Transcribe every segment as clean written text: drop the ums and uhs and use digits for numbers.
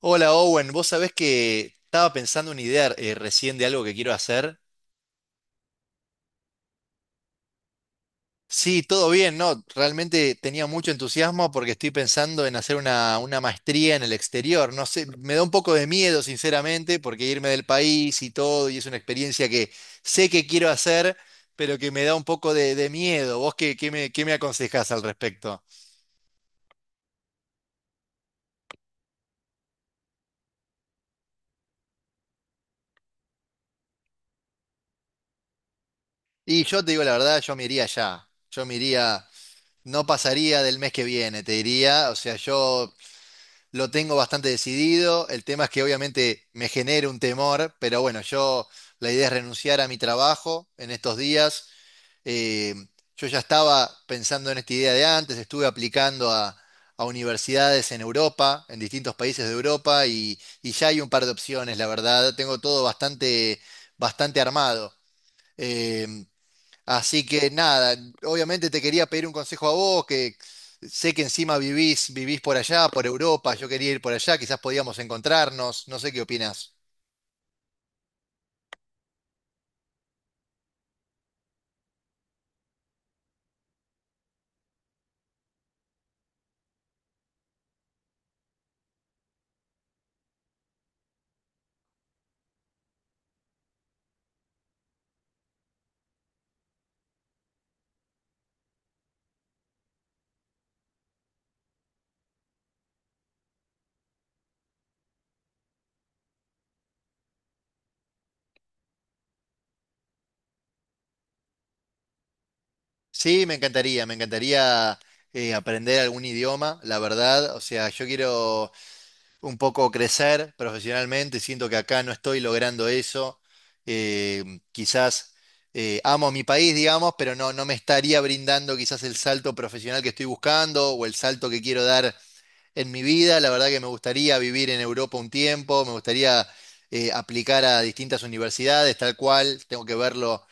Hola Owen, vos sabés que estaba pensando una idea recién de algo que quiero hacer. Sí, todo bien, ¿no? Realmente tenía mucho entusiasmo porque estoy pensando en hacer una maestría en el exterior. No sé, me da un poco de miedo, sinceramente, porque irme del país y todo, y es una experiencia que sé que quiero hacer, pero que me da un poco de miedo. ¿Vos qué, qué me aconsejás al respecto? Y yo te digo la verdad, yo me iría ya. Yo me iría, no pasaría del mes que viene, te diría. O sea, yo lo tengo bastante decidido. El tema es que obviamente me genera un temor, pero bueno, yo, la idea es renunciar a mi trabajo en estos días. Eh, yo ya estaba pensando en esta idea de antes, estuve a universidades en Europa, en distintos países de Europa, y ya hay un par de opciones, la verdad. Tengo todo bastante armado. Em, Así que nada, obviamente te quería pedir un consejo a vos, que sé que encima vivís por allá, por Europa, yo quería ir por allá, quizás podíamos encontrarnos, no sé qué opinás. Sí, me encantaría aprender algún idioma, la verdad, o sea, yo quiero un poco crecer profesionalmente, siento que acá no estoy logrando eso, eh, quizás amo mi país, digamos, pero no, no me estaría brindando quizás el salto profesional que estoy buscando o el salto que quiero dar en mi vida. La verdad que me gustaría vivir en Europa un tiempo, me gustaría aplicar a distintas universidades, tal cual, tengo que verlo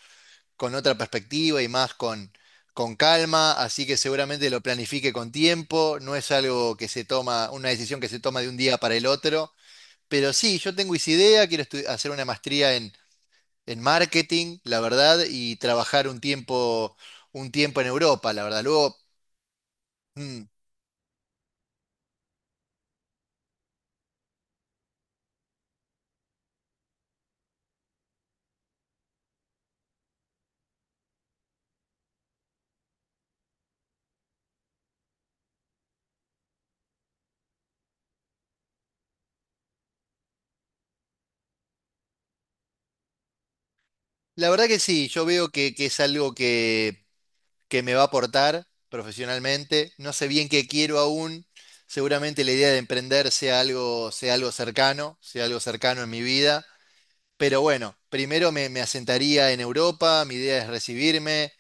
con otra perspectiva y más con calma, así que seguramente lo planifique con tiempo, no es algo que se toma, una decisión que se toma de un día para el otro, pero sí, yo tengo esa idea, quiero hacer una maestría en marketing, la verdad, y trabajar un tiempo en Europa, la verdad. Luego, mm, la verdad que sí, yo veo que es algo que me va a aportar profesionalmente. No sé bien qué quiero aún. Seguramente la idea de emprender sea algo cercano en mi vida. Pero bueno, primero me asentaría en Europa, mi idea es recibirme,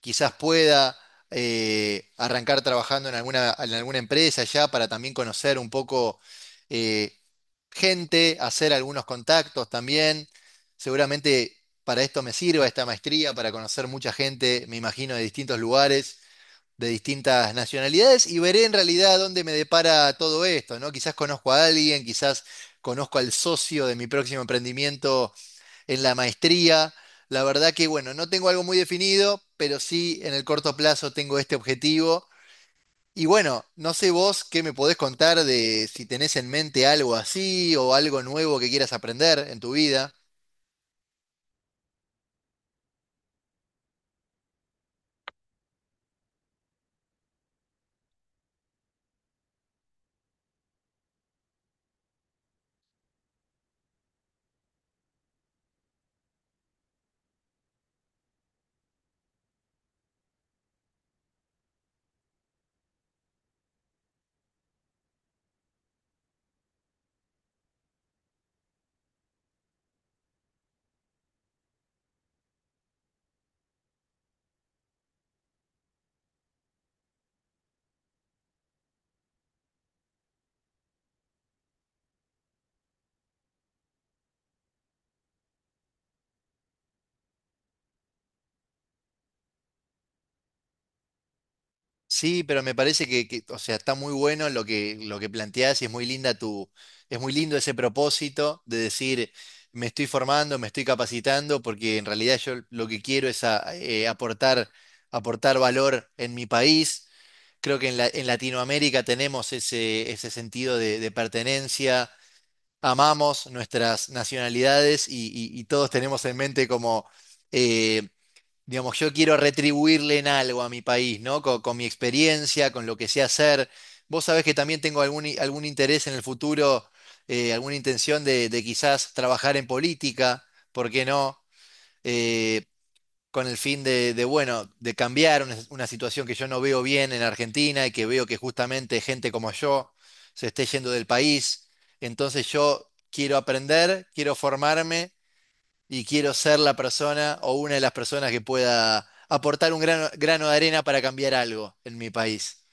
quizás pueda arrancar trabajando en en alguna empresa ya para también conocer un poco eh, gente, hacer algunos contactos también. Seguramente para esto me sirva esta maestría, para conocer mucha gente, me imagino, de distintos lugares de distintas nacionalidades, y veré en realidad dónde me depara todo esto, ¿no? Quizás conozco a alguien, quizás conozco al socio de mi próximo emprendimiento en la maestría. La verdad que, bueno, no tengo algo muy definido, pero sí en el corto plazo tengo este objetivo. Y bueno, no sé vos qué me podés contar de si tenés en mente algo así o algo nuevo que quieras aprender en tu vida. Sí, pero me parece que, o sea, está muy bueno lo que planteás y es muy es muy lindo ese propósito de decir, me estoy formando, me estoy capacitando, porque en realidad yo lo que quiero es aportar, aportar valor en mi país. Creo que en Latinoamérica tenemos ese, ese sentido de pertenencia, amamos nuestras nacionalidades y todos tenemos en mente como eh, digamos, yo quiero retribuirle en algo a mi país, ¿no? Con mi experiencia, con lo que sé hacer. Vos sabés que también tengo algún interés en el futuro, alguna intención de quizás trabajar en política, ¿por qué no? Eh, con el fin de, bueno, de cambiar una situación que yo no veo bien en Argentina y que veo que justamente gente como yo se esté yendo del país. Entonces yo quiero aprender, quiero formarme y quiero ser la persona o una de las personas que pueda aportar un grano de arena para cambiar algo en mi país.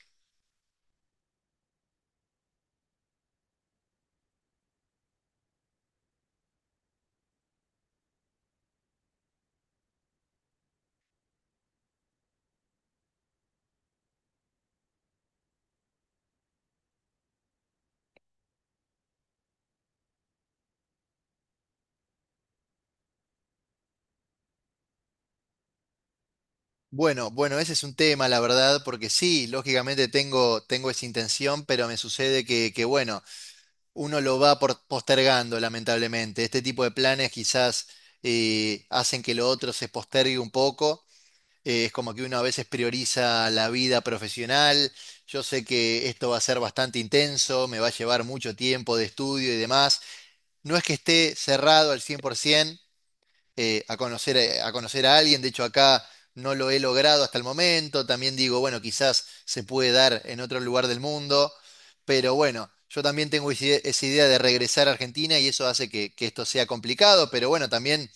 Bueno, bueno, ese es un tema, la verdad, porque sí, lógicamente tengo esa intención, pero me sucede que, bueno, uno lo postergando, lamentablemente. Este tipo de planes quizás hacen que lo otro se postergue un poco. Es como que uno a veces prioriza la vida profesional. Yo sé que esto va a ser bastante intenso, me va a llevar mucho tiempo de estudio y demás. No es que esté cerrado al 100% a a conocer a alguien. De hecho, acá no lo he logrado hasta el momento. También digo, bueno, quizás se puede dar en otro lugar del mundo, pero bueno, yo también tengo esa idea de regresar a Argentina, y eso hace que esto sea complicado. Pero bueno, también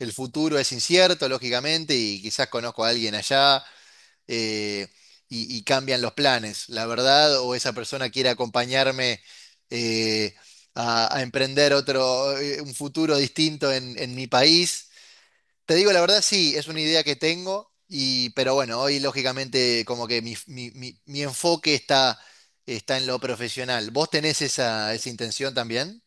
el futuro es incierto, lógicamente, y quizás conozco a alguien allá, eh, y cambian los planes, la verdad, o esa persona quiere acompañarme eh, a emprender un futuro distinto en mi país. Te digo, la verdad, sí, es una idea que tengo, y, pero bueno, hoy lógicamente como que mi, mi enfoque está, está en lo profesional. ¿Vos tenés esa, esa intención también?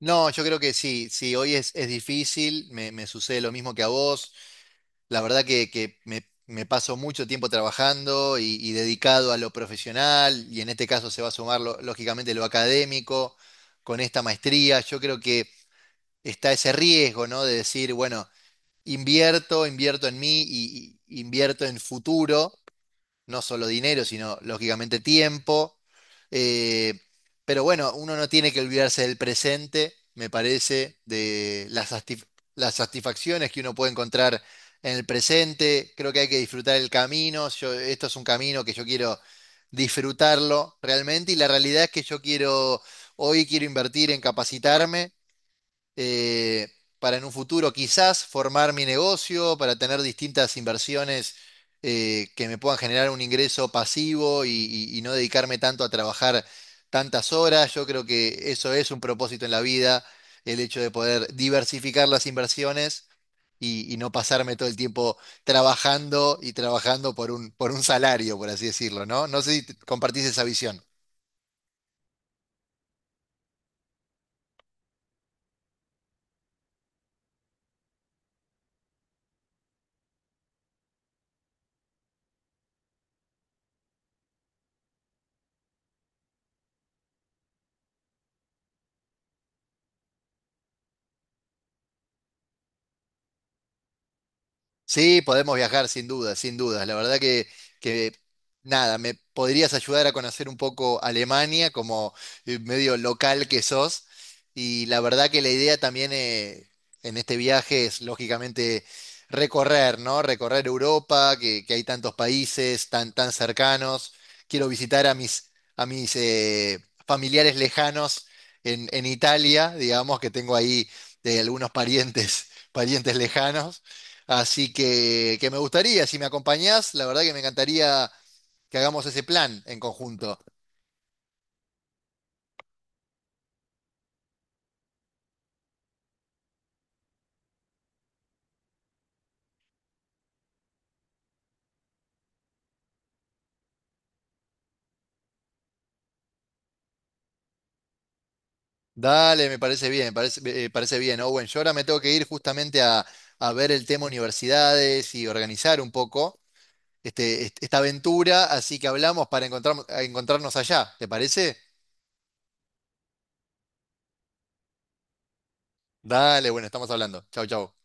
No, yo creo que sí, sí, hoy es difícil, me sucede lo mismo que a vos. La verdad que me paso mucho tiempo trabajando y dedicado a lo profesional, y en este caso se va a sumar lógicamente lo académico con esta maestría. Yo creo que está ese riesgo, ¿no? De decir, bueno, invierto, invierto en mí y invierto en futuro, no solo dinero, sino lógicamente tiempo. Eh, pero bueno, uno no tiene que olvidarse del presente, me parece, de las satisfacciones que uno puede encontrar en el presente. Creo que hay que disfrutar el camino. Yo, esto es un camino que yo quiero disfrutarlo realmente, y la realidad es que yo quiero, hoy quiero invertir en capacitarme eh, para en un futuro quizás formar mi negocio, para tener distintas inversiones que me puedan generar un ingreso pasivo y no dedicarme tanto a trabajar tantas horas. Yo creo que eso es un propósito en la vida, el hecho de poder diversificar las inversiones y no pasarme todo el tiempo trabajando y trabajando por un salario, por así decirlo, ¿no? No sé si compartís esa visión. Sí, podemos viajar sin duda, sin dudas. La verdad que nada, me podrías ayudar a conocer un poco Alemania como medio local que sos. Y la verdad que la idea también en este viaje es lógicamente recorrer, ¿no? Recorrer Europa, que hay tantos países tan, tan cercanos. Quiero visitar a mis familiares lejanos en Italia, digamos, que tengo ahí de algunos parientes, parientes lejanos. Así que me gustaría, si me acompañás, la verdad que me encantaría que hagamos ese plan en conjunto. Dale, me parece bien, me parece, parece bien, Owen. Yo ahora me tengo que ir justamente a ver el tema universidades y organizar un poco esta aventura, así que hablamos para encontrarnos allá, ¿te parece? Dale, bueno, estamos hablando. Chau, chau.